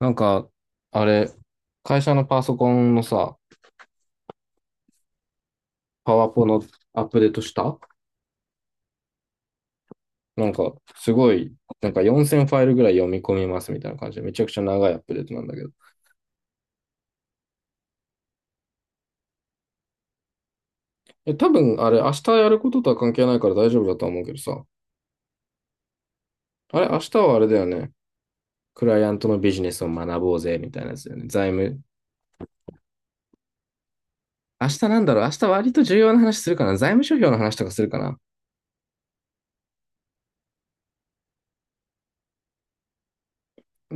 なんか、あれ、会社のパソコンのさ、パワポのアップデートした。なんか、すごい、なんか4,000ファイルぐらい読み込みますみたいな感じで、めちゃくちゃ長いアップデートなんだけど。え、多分、あれ、明日やることとは関係ないから大丈夫だとは思うけどさ、あれ、明日はあれだよね。クライアントのビジネスを学ぼうぜ、みたいなやつだよね。財務。明日、なんだろう、明日割と重要な話するかな。財務諸表の話とかするかな。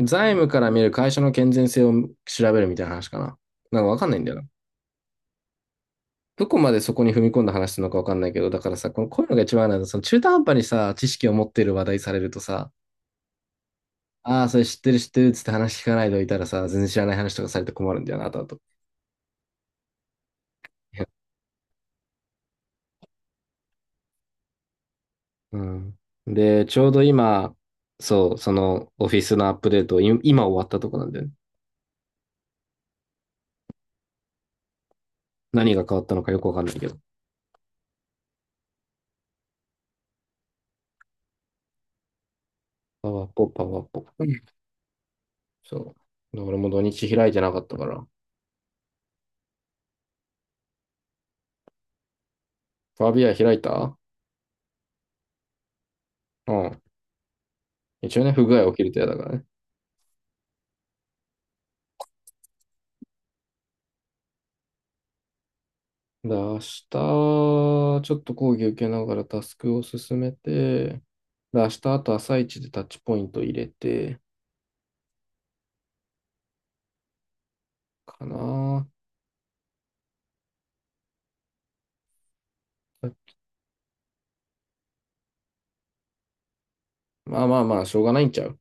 財務から見る会社の健全性を調べるみたいな話かな。なんかわかんないんだよな。どこまでそこに踏み込んだ話なのかわかんないけど、だからさ、このこういうのが一番あるのは、その中途半端にさ、知識を持ってる話題されるとさ、ああ、それ知ってる知ってるっつって話聞かないといたらさ、全然知らない話とかされて困るんだよな、あとあと。 うん。で、ちょうど今、そう、そのオフィスのアップデート今終わったとこなんだよね。何が変わったのかよくわかんないけど。パワポ、パワポ。うん。そう。俺も土日開いてなかったから。ファビア開いた。うん。一応ね、不具合起きると嫌だからね。で、明日、ちょっと講義受けながらタスクを進めて、で、明日、あと朝一でタッチポイント入れて、かな。まあまあまあ、しょうがないんちゃう。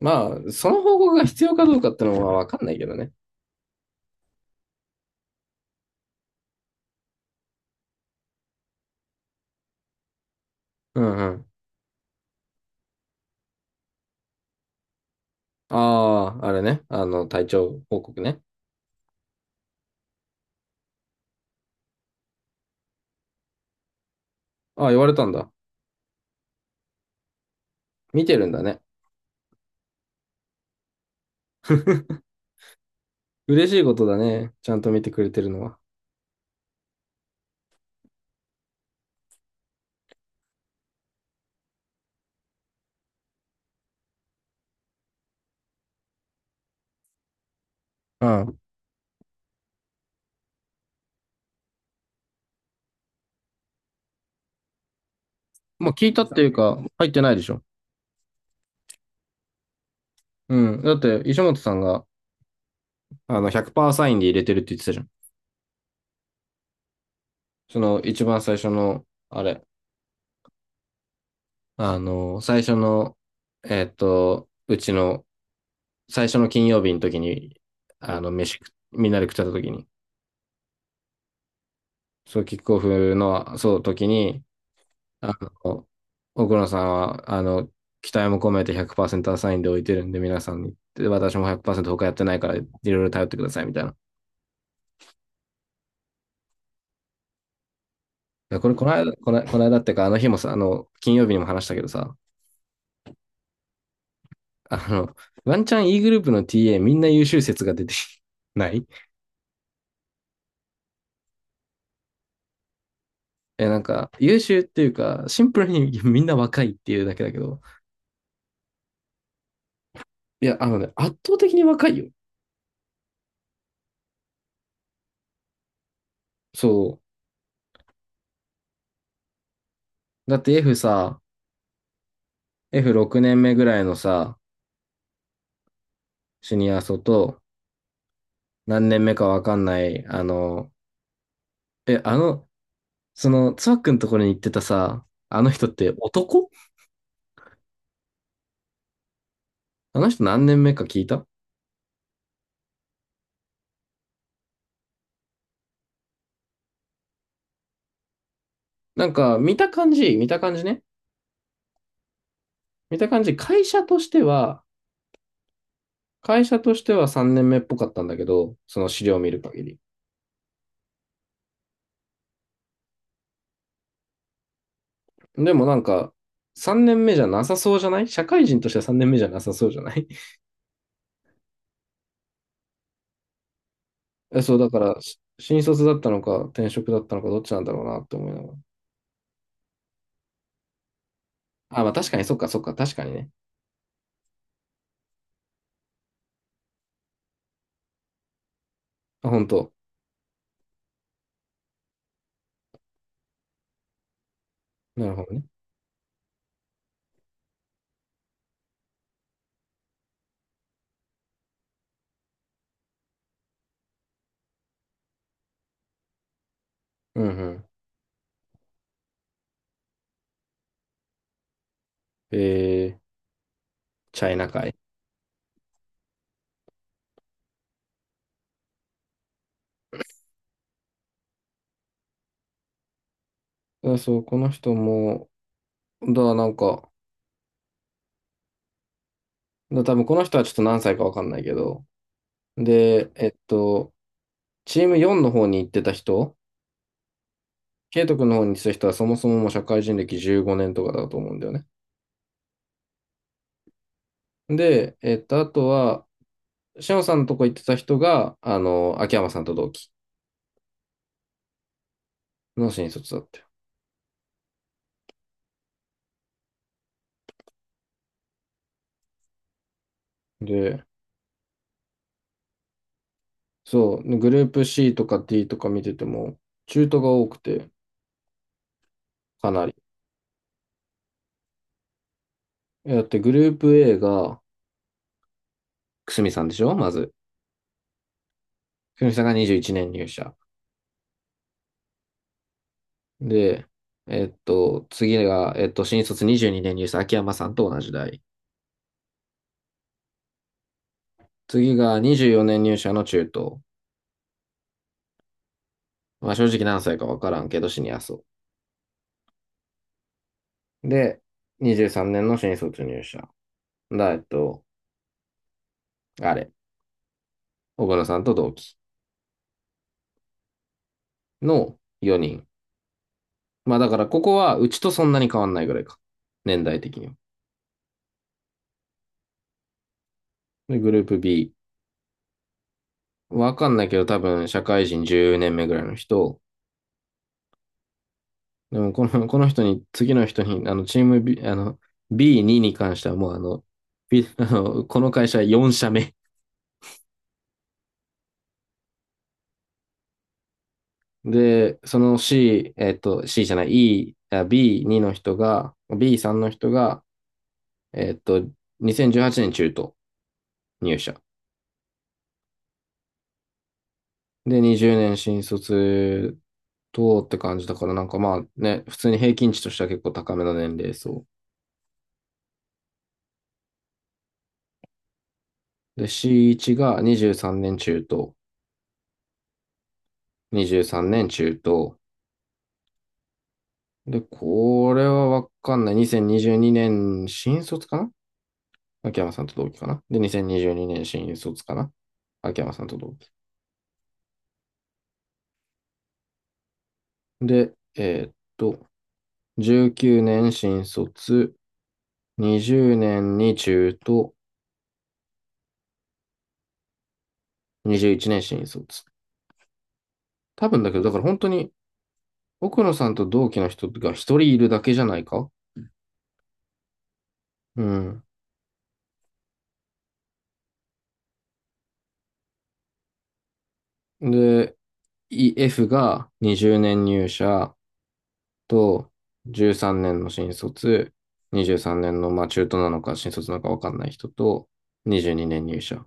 まあ、その報告が必要かどうかってのはわかんないけどね。うんうん。ああ、あれね。あの、体調報告ね。ああ、言われたんだ。見てるんだね。嬉しいことだね。ちゃんと見てくれてるのは。うん。まあ、聞いたっていうか、入ってないでしょ。うん。だって、石本さんが、100%サインで入れてるって言ってたじゃん。その一番最初の、あれ、あの、最初の、うちの最初の金曜日の時に、みんなで食ってた時に、そう、キックオフの、そう、時に、あの、奥野さんは、期待も込めて100%アサインで置いてるんで、皆さんに、で私も100%他やってないから、いろいろ頼ってください、みたいな。いやこれ、この間、この間ってか、あの日もさ、金曜日にも話したけどさ、あの、ワンチャン E グループの TA みんな優秀説が出て ない。え、なんか、優秀っていうか、シンプルにみんな若いっていうだけだけど。いや、あのね、圧倒的に若いよ。そう。だって F さ、F6 年目ぐらいのさ、シニア層と、何年目かわかんない、あの、え、あの、その、つわくんところに行ってたさ、あの人って男。あの人何年目か聞いた。なんか、見た感じ、見た感じね。見た感じ、会社としては3年目っぽかったんだけど、その資料を見る限り。でもなんか、3年目じゃなさそうじゃない。社会人としては3年目じゃなさそうじゃない。 えそう、だから、新卒だったのか、転職だったのか、どっちなんだろうなって思いながら。あ、まあ確かに、そっかそっか、確かにね。あ、本当。なるほどね。うんうん。えー、チャイナ会。あそう、この人も、だ、なんか、だ、多分この人はちょっと何歳かわかんないけど、で、チーム4の方に行ってた人、ケイト君の方に行ってた人はそもそももう社会人歴15年とかだと思うんだよね。で、あとは、シャオさんのとこ行ってた人が、あの、秋山さんと同期の新卒だったよ。で、そう、グループ C とか D とか見てても、中途が多くて、かなり。だってグループ A が、くすみさんでしょまず。くすみさんが21年入社。で、次が、新卒22年入社、秋山さんと同じ代。次が24年入社の中東。まあ正直何歳かわからんけど、シニア層。で、23年の新卒入社。だ、えっと、あれ。小原さんと同期の4人。まあだからここはうちとそんなに変わんないぐらいか。年代的には。で、グループ B。わかんないけど多分社会人10年目ぐらいの人。でもこの人に、次の人に、あの、チーム B、あの、B2 に関してはもうあの、B あのこの会社4社目。で、その C、C じゃない、E、あ B2 の人が、B3 の人が、えっと、2018年中途入社。で、20年新卒とって感じだから、なんかまあね、普通に平均値としては結構高めの年齢層。で、C1 が23年中と、23年中と、で、これはわかんない。2022年新卒かな。秋山さんと同期かな。で、2022年新卒かな、秋山さんと同期。で、19年新卒、20年に中と、21年新卒。多分だけど、だから本当に奥野さんと同期の人が一人いるだけじゃないか。うん。で、E- F が20年入社と13年の新卒、23年の、まあ中途なのか新卒なのかわかんない人と、22年入社。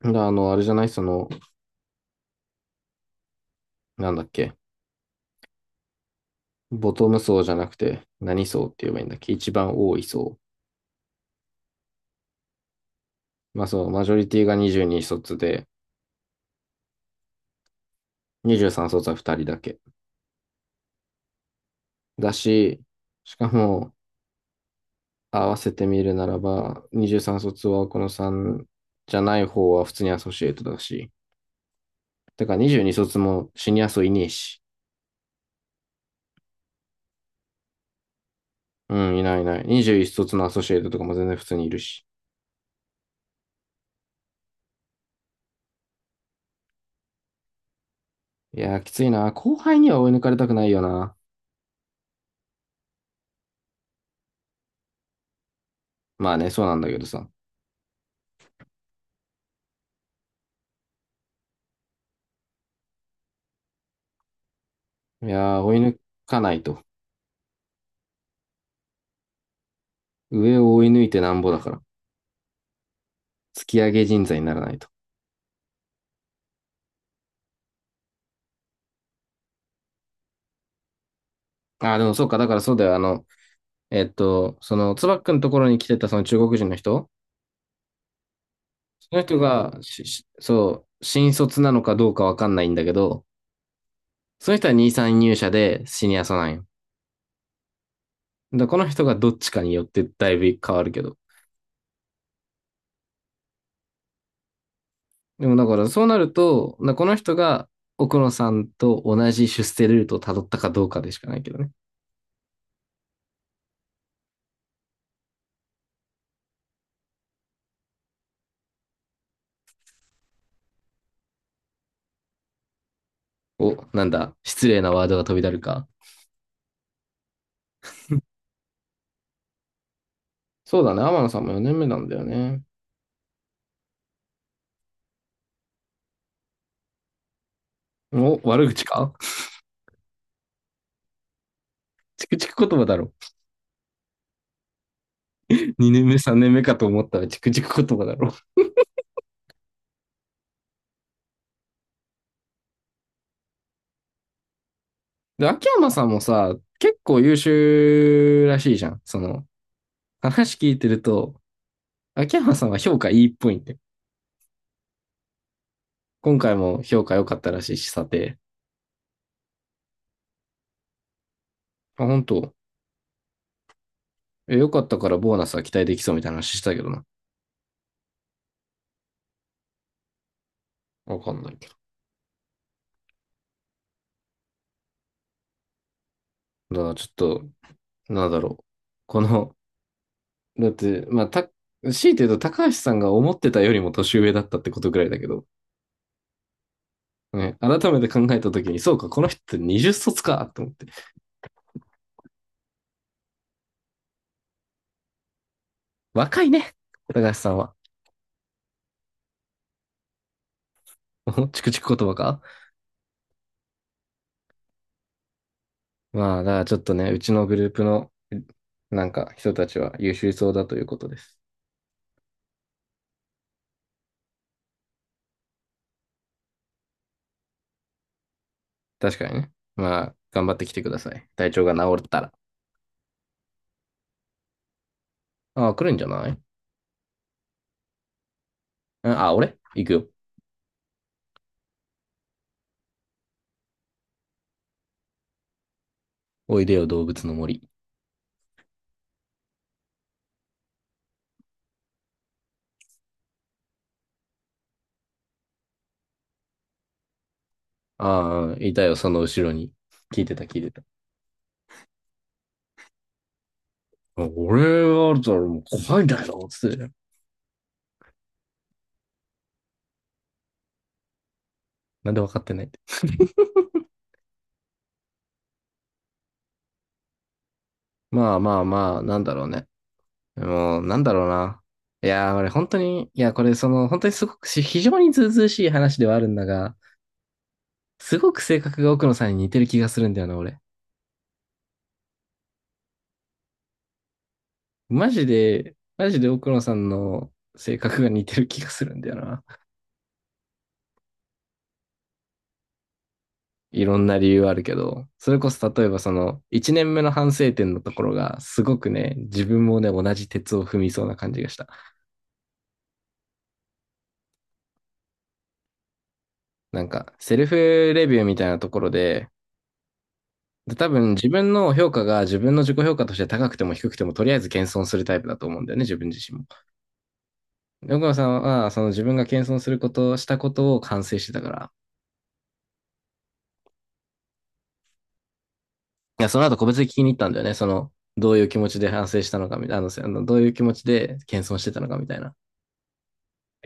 で、あの、あれじゃないその、なんだっけ、ボトム層じゃなくて、何層って言えばいいんだっけ。一番多い層。まあそう、マジョリティが22卒で、23卒は2人だけ。だし、しかも、合わせてみるならば、23卒はこの3じゃない方は普通にアソシエイトだし、だから22卒もシニア層いねえし、うん、いないいない。21卒のアソシエイトとかも全然普通にいるし。いやー、きついな。後輩には追い抜かれたくないよな。まあね、そうなんだけどさ。いやー、追い抜かないと。上を追い抜いてなんぼだから。突き上げ人材にならないと。あー、でもそうか、だからそうだよ。あの、その、つばっくんのところに来てたその中国人の人。その人が、そう、新卒なのかどうかわかんないんだけど、その人は2、3入社でシニアさなんよ。だこの人がどっちかによってだいぶ変わるけど。でもだからそうなると、だこの人が奥野さんと同じ出世ルートをたどったかどうかでしかないけどね。お、なんだ、失礼なワードが飛び出るか。そうだね、天野さんも4年目なんだよね。お、悪口か。チクチク言葉だろ。2年目、3年目かと思ったらチクチク言葉だろ。で、秋山さんもさ、結構優秀らしいじゃん。その、話聞いてると、秋山さんは評価いいっぽいんで。今回も評価良かったらしいし、査定。あ、本当。え、良かったからボーナスは期待できそうみたいな話したけどな。わかんないけど。だからちょっと、なんだろう。この、だって、まあ、た、強いて言うと高橋さんが思ってたよりも年上だったってことぐらいだけど、ね、改めて考えたときに、そうか、この人って20卒かと思って。若いね、高橋さんは。チクチク言葉か。まあ、だからちょっとね、うちのグループの、人たちは優秀そうだということです。確かにね。まあ、頑張ってきてください。体調が治ったら。ああ、来るんじゃない。うん、あ、俺行くよ。おいでよ、動物の森。ああ、いたよ、その後ろに。聞いてた。あ、俺はあるともう怖いんだけど、つってたよ。なんで分かってないって。まあまあまあ、なんだろうね。もう、なんだろうな。いやー、俺本当に、いや、これその、本当にすごくし非常にずうずうしい話ではあるんだが、すごく性格が奥野さんに似てる気がするんだよな、俺。マジで、マジで奥野さんの性格が似てる気がするんだよな。いろんな理由あるけど、それこそ例えばその、1年目の反省点のところが、すごくね、自分もね、同じ鉄を踏みそうな感じがした。なんか、セルフレビューみたいなところで、で多分自分の評価が自分の自己評価として高くても低くてもとりあえず謙遜するタイプだと思うんだよね、自分自身も。奥野さんはその自分が謙遜すること、したことを反省してたから、いや、その後個別に聞きに行ったんだよね。その、どういう気持ちで反省したのかみたいな、あのどういう気持ちで謙遜してたのかみたいな。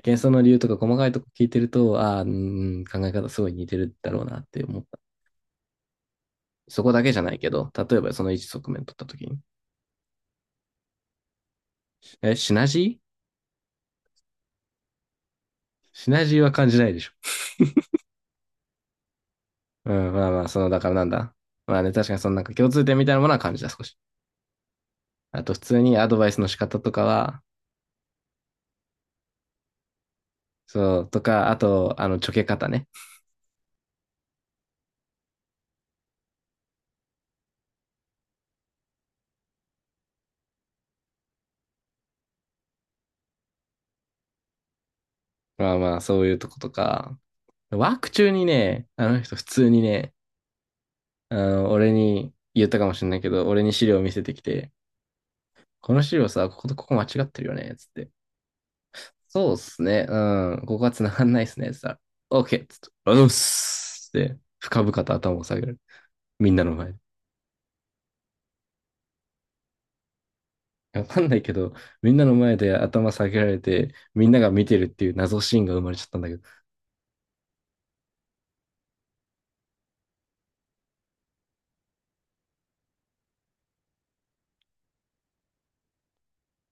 謙遜の理由とか細かいとこ聞いてると、ああ、うーん、考え方すごい似てるだろうなって思った。そこだけじゃないけど、例えばその一側面取った時に。え、シナジー、シナジーは感じないでしょ。うん、まあまあ、その、だからなんだ。まあね、確かにそのなんか共通点みたいなものは感じた、少し。あと、普通にアドバイスの仕方とかは、そう、とか、あと、あの、ちょけ方ね。まあまあ、そういうとことか、ワーク中にね、あの人普通にね、あの、俺に言ったかもしれないけど、俺に資料を見せてきて、この資料さ、こことここ間違ってるよね、つって。そうっすね、うん、ここは繋がんないっすね、つったら、OK! つって、ありがとうございますって、深々と頭を下げる。みんなの前で。わかんないけど、みんなの前で頭下げられて、みんなが見てるっていう謎シーンが生まれちゃったんだけど。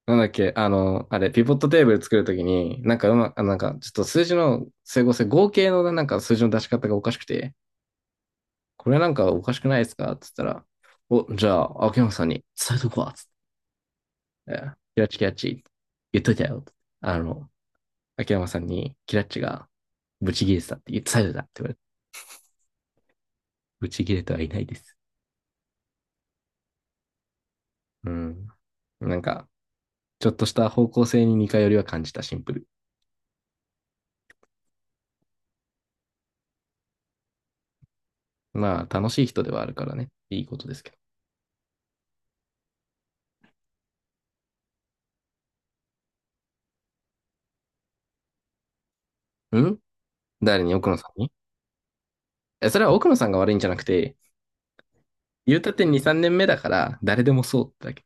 なんだっけ、あの、あれ、ピボットテーブル作るときに、なんかうま、あなんか、ちょっと数字の整合性、合計のなんか数字の出し方がおかしくて、これなんかおかしくないですかって言ったら、お、じゃあ、秋山さんに伝えとくわ。つって、キラッチ言っといたよ。あの、秋山さんにキラッチがブチギレてたって言って伝えてたって言われて、ブチギレてはいないです。うん。なんか、ちょっとした方向性に似通りは感じたシンプル。まあ、楽しい人ではあるからね。いいことですけど。ん、誰に、奥野さんに。え、それは奥野さんが悪いんじゃなくて、言うたって2、3年目だから、誰でもそうってだけ。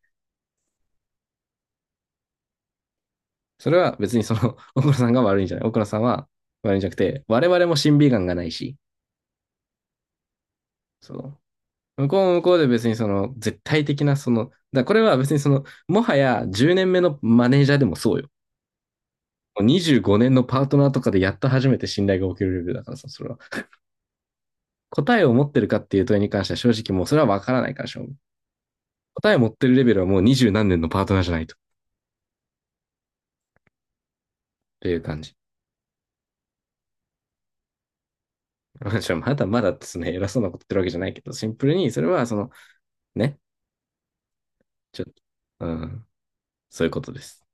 それは別にその、奥野さんが悪いんじゃない。奥野さんは悪いんじゃなくて、我々も審美眼がないし、その、向こうも向こうで別にその、絶対的なその、だこれは別にその、もはや10年目のマネージャーでもそうよ。25年のパートナーとかでやっと初めて信頼が起きるレベルだからさ、それは。答えを持ってるかっていう問いに関しては正直もうそれはわからないからしょう。答えを持ってるレベルはもう20何年のパートナーじゃないと。っていう感じ。私はまだまだですね、偉そうなこと言ってるわけじゃないけど、シンプルにそれはその、ね、ちょっと、うん、そういうことです。